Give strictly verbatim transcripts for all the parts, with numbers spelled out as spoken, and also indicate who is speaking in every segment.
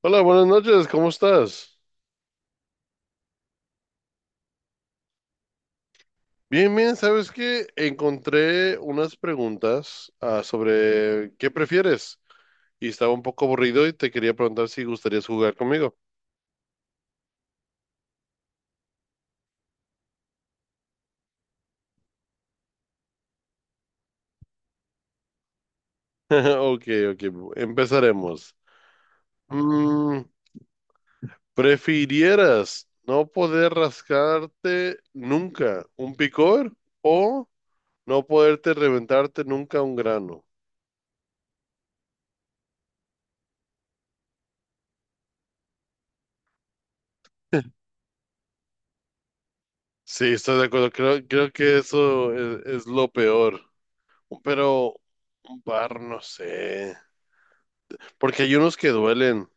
Speaker 1: Hola, buenas noches, ¿cómo estás? Bien, bien, ¿sabes qué? Encontré unas preguntas ah, sobre qué prefieres y estaba un poco aburrido y te quería preguntar si gustarías jugar conmigo. Ok, ok, empezaremos. Mm, ¿prefirieras no poder rascarte nunca un picor o no poderte reventarte nunca un grano? Sí, estoy de acuerdo, creo, creo que eso es es lo peor. Pero un par, no sé. Porque hay unos que duelen.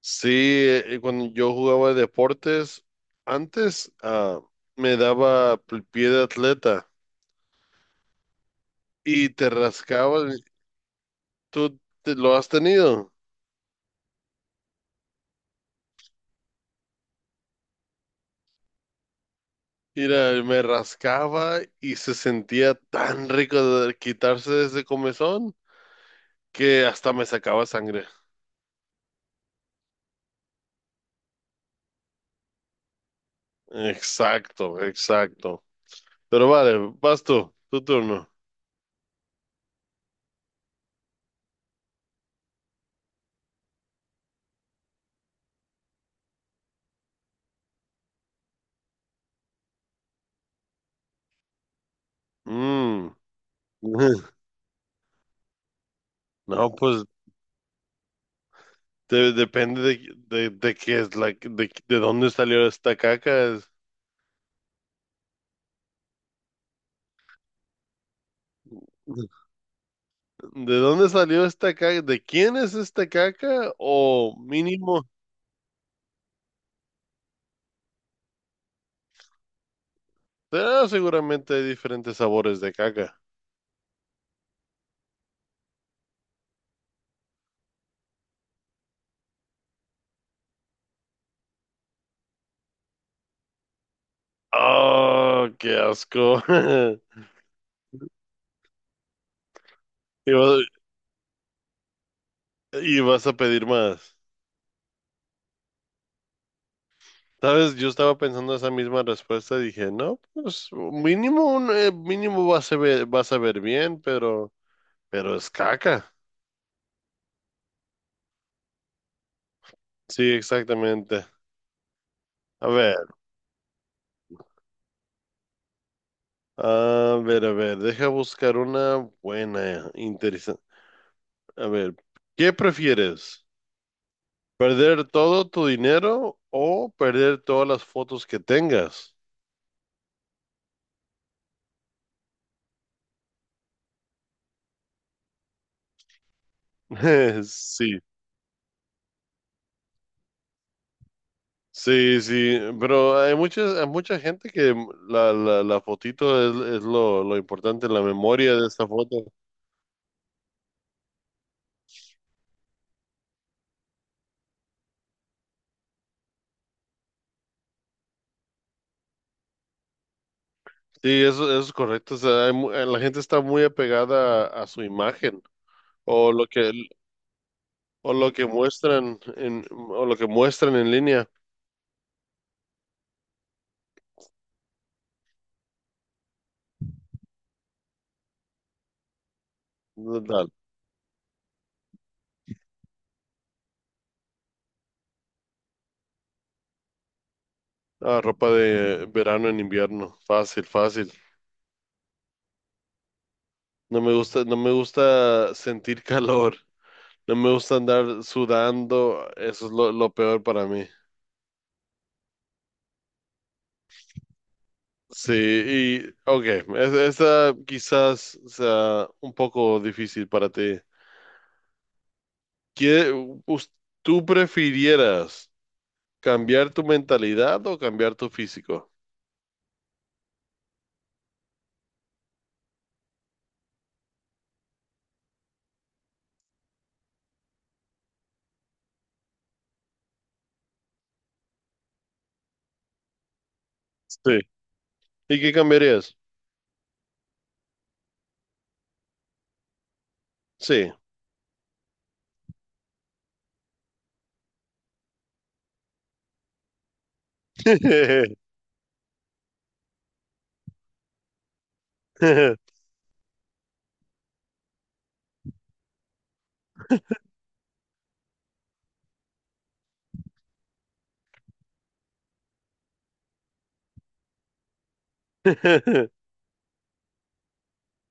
Speaker 1: Sí, eh, cuando yo jugaba deportes, antes ah, me daba el pie de atleta y te rascaba. ¿Tú te- lo has tenido? Mira, me rascaba y se sentía tan rico de quitarse de ese comezón que hasta me sacaba sangre. Exacto, exacto. Pero vale, vas tú, tu turno. Mm. No, pues de- depende de, de, de qué es la, de, de dónde salió esta caca. ¿De dónde salió esta caca? ¿De quién es esta caca? O mínimo, ah, seguramente hay diferentes sabores de caca. Oh, qué asco. Y vas, y vas a pedir más. ¿Sabes? Yo estaba pensando esa misma respuesta. Dije, no, pues mínimo, un, eh, mínimo vas a ver, vas a ver bien, pero, pero es caca. Sí, exactamente. A ver. A ver, a ver, deja buscar una buena, interesante. A ver, ¿qué prefieres? ¿Perder todo tu dinero o perder todas las fotos que tengas? Sí, sí, sí, pero hay muchas, hay mucha gente que la, la, la fotito es, es lo, lo importante, la memoria de esta foto. Sí, eso, eso es correcto. O sea, hay mu- eh, la gente está muy apegada a, a su imagen o lo que, o lo que muestran en, o lo que muestran en línea. Dale. Ah, ropa de verano en invierno. Fácil, fácil. No me gusta, no me gusta sentir calor. No me gusta andar sudando. Eso es lo, lo peor para mí. Sí, y ok, es- esa quizás sea un poco difícil para ti. ¿Qué, us- ¿Tú prefirieras cambiar tu mentalidad o cambiar tu físico? Sí. ¿Y qué cambiarías? Sí.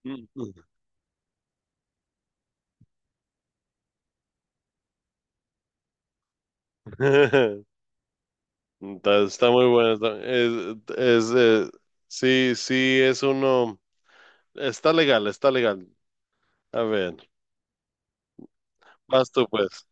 Speaker 1: Está, está muy bueno. está- es, es, eh, sí, sí, es uno. Está legal, está legal. A ver, vas tú pues.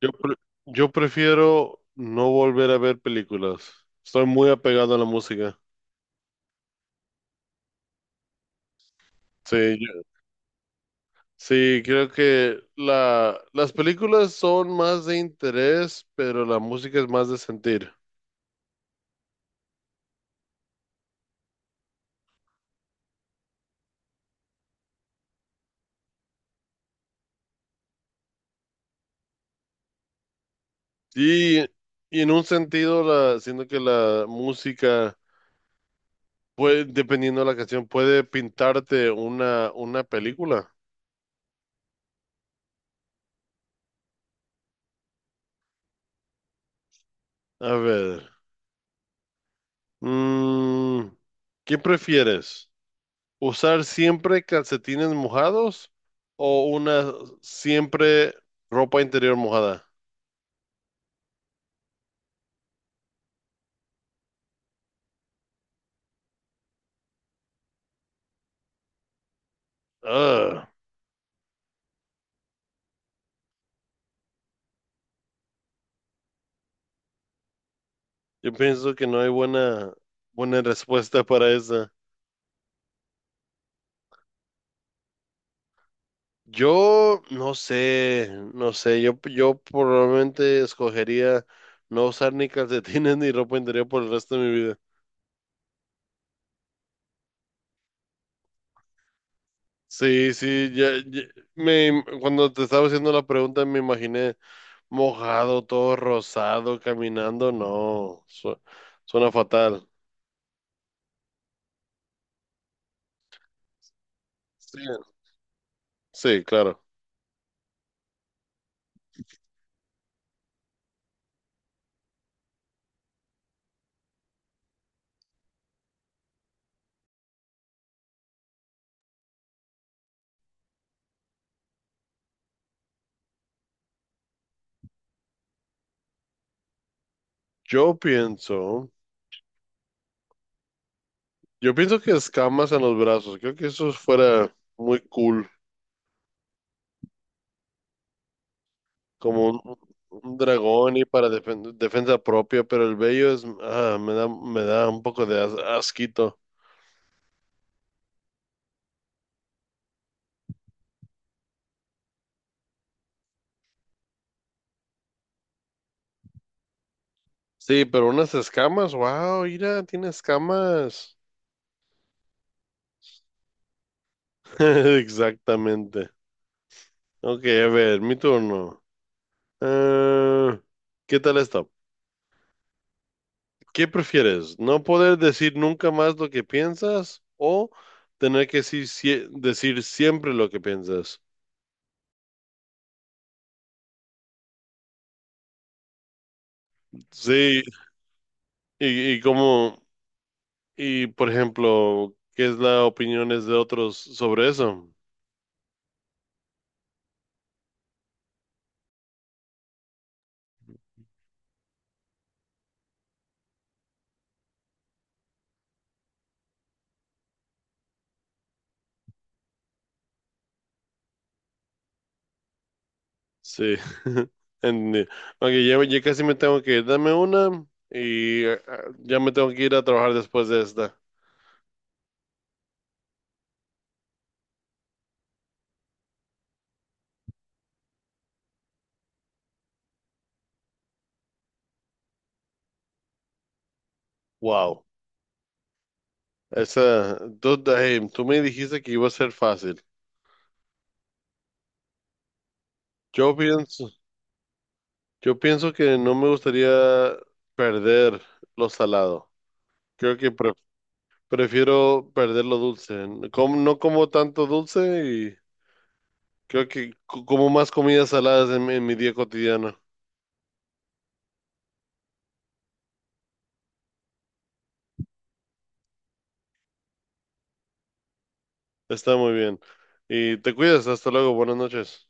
Speaker 1: Yo, pre- yo prefiero no volver a ver películas. Estoy muy apegado a la música. Sí, yo- sí, creo que la, las películas son más de interés, pero la música es más de sentir. Y, y en un sentido, la, siento que la música puede, dependiendo de la canción, puede pintarte una, una película. A ver, mm, ¿qué prefieres? ¿Usar siempre calcetines mojados o una siempre ropa interior mojada? Ah, yo pienso que no hay buena, buena respuesta para esa. Yo no sé, no sé, yo, yo probablemente escogería no usar ni calcetines ni ropa interior por el resto de mi vida. Sí, sí, ya, ya- me, cuando te estaba haciendo la pregunta me imaginé mojado, todo rosado, caminando, no, su- suena fatal. Sí, sí, claro. Yo pienso, yo pienso que escamas en los brazos, creo que eso fuera muy cool, como un, un dragón y para defen- defensa propia, pero el vello es, ah, me da, me da un poco de as- asquito. Sí, pero unas escamas, wow, mira, tiene escamas. Exactamente. Ok, a ver, mi turno. Eh, ¿qué tal está? ¿Qué prefieres? ¿No poder decir nunca más lo que piensas o tener que sí- sie- decir siempre lo que piensas? Sí, y, y cómo, y por ejemplo, ¿qué es la opiniones de otros sobre eso? Sí, entendí. Ok, ya, ya casi me tengo que ir. Dame una y eh, ya me tengo que ir a trabajar después de esta. Wow. Esa, tú, eh, tú me dijiste que iba a ser fácil. Yo pienso, yo pienso que no me gustaría perder lo salado. Creo que pre- prefiero perder lo dulce. Como- no como tanto dulce y creo que co- como más comidas saladas en mi en mi día cotidiano. Está muy bien. Y te cuidas, hasta luego, buenas noches.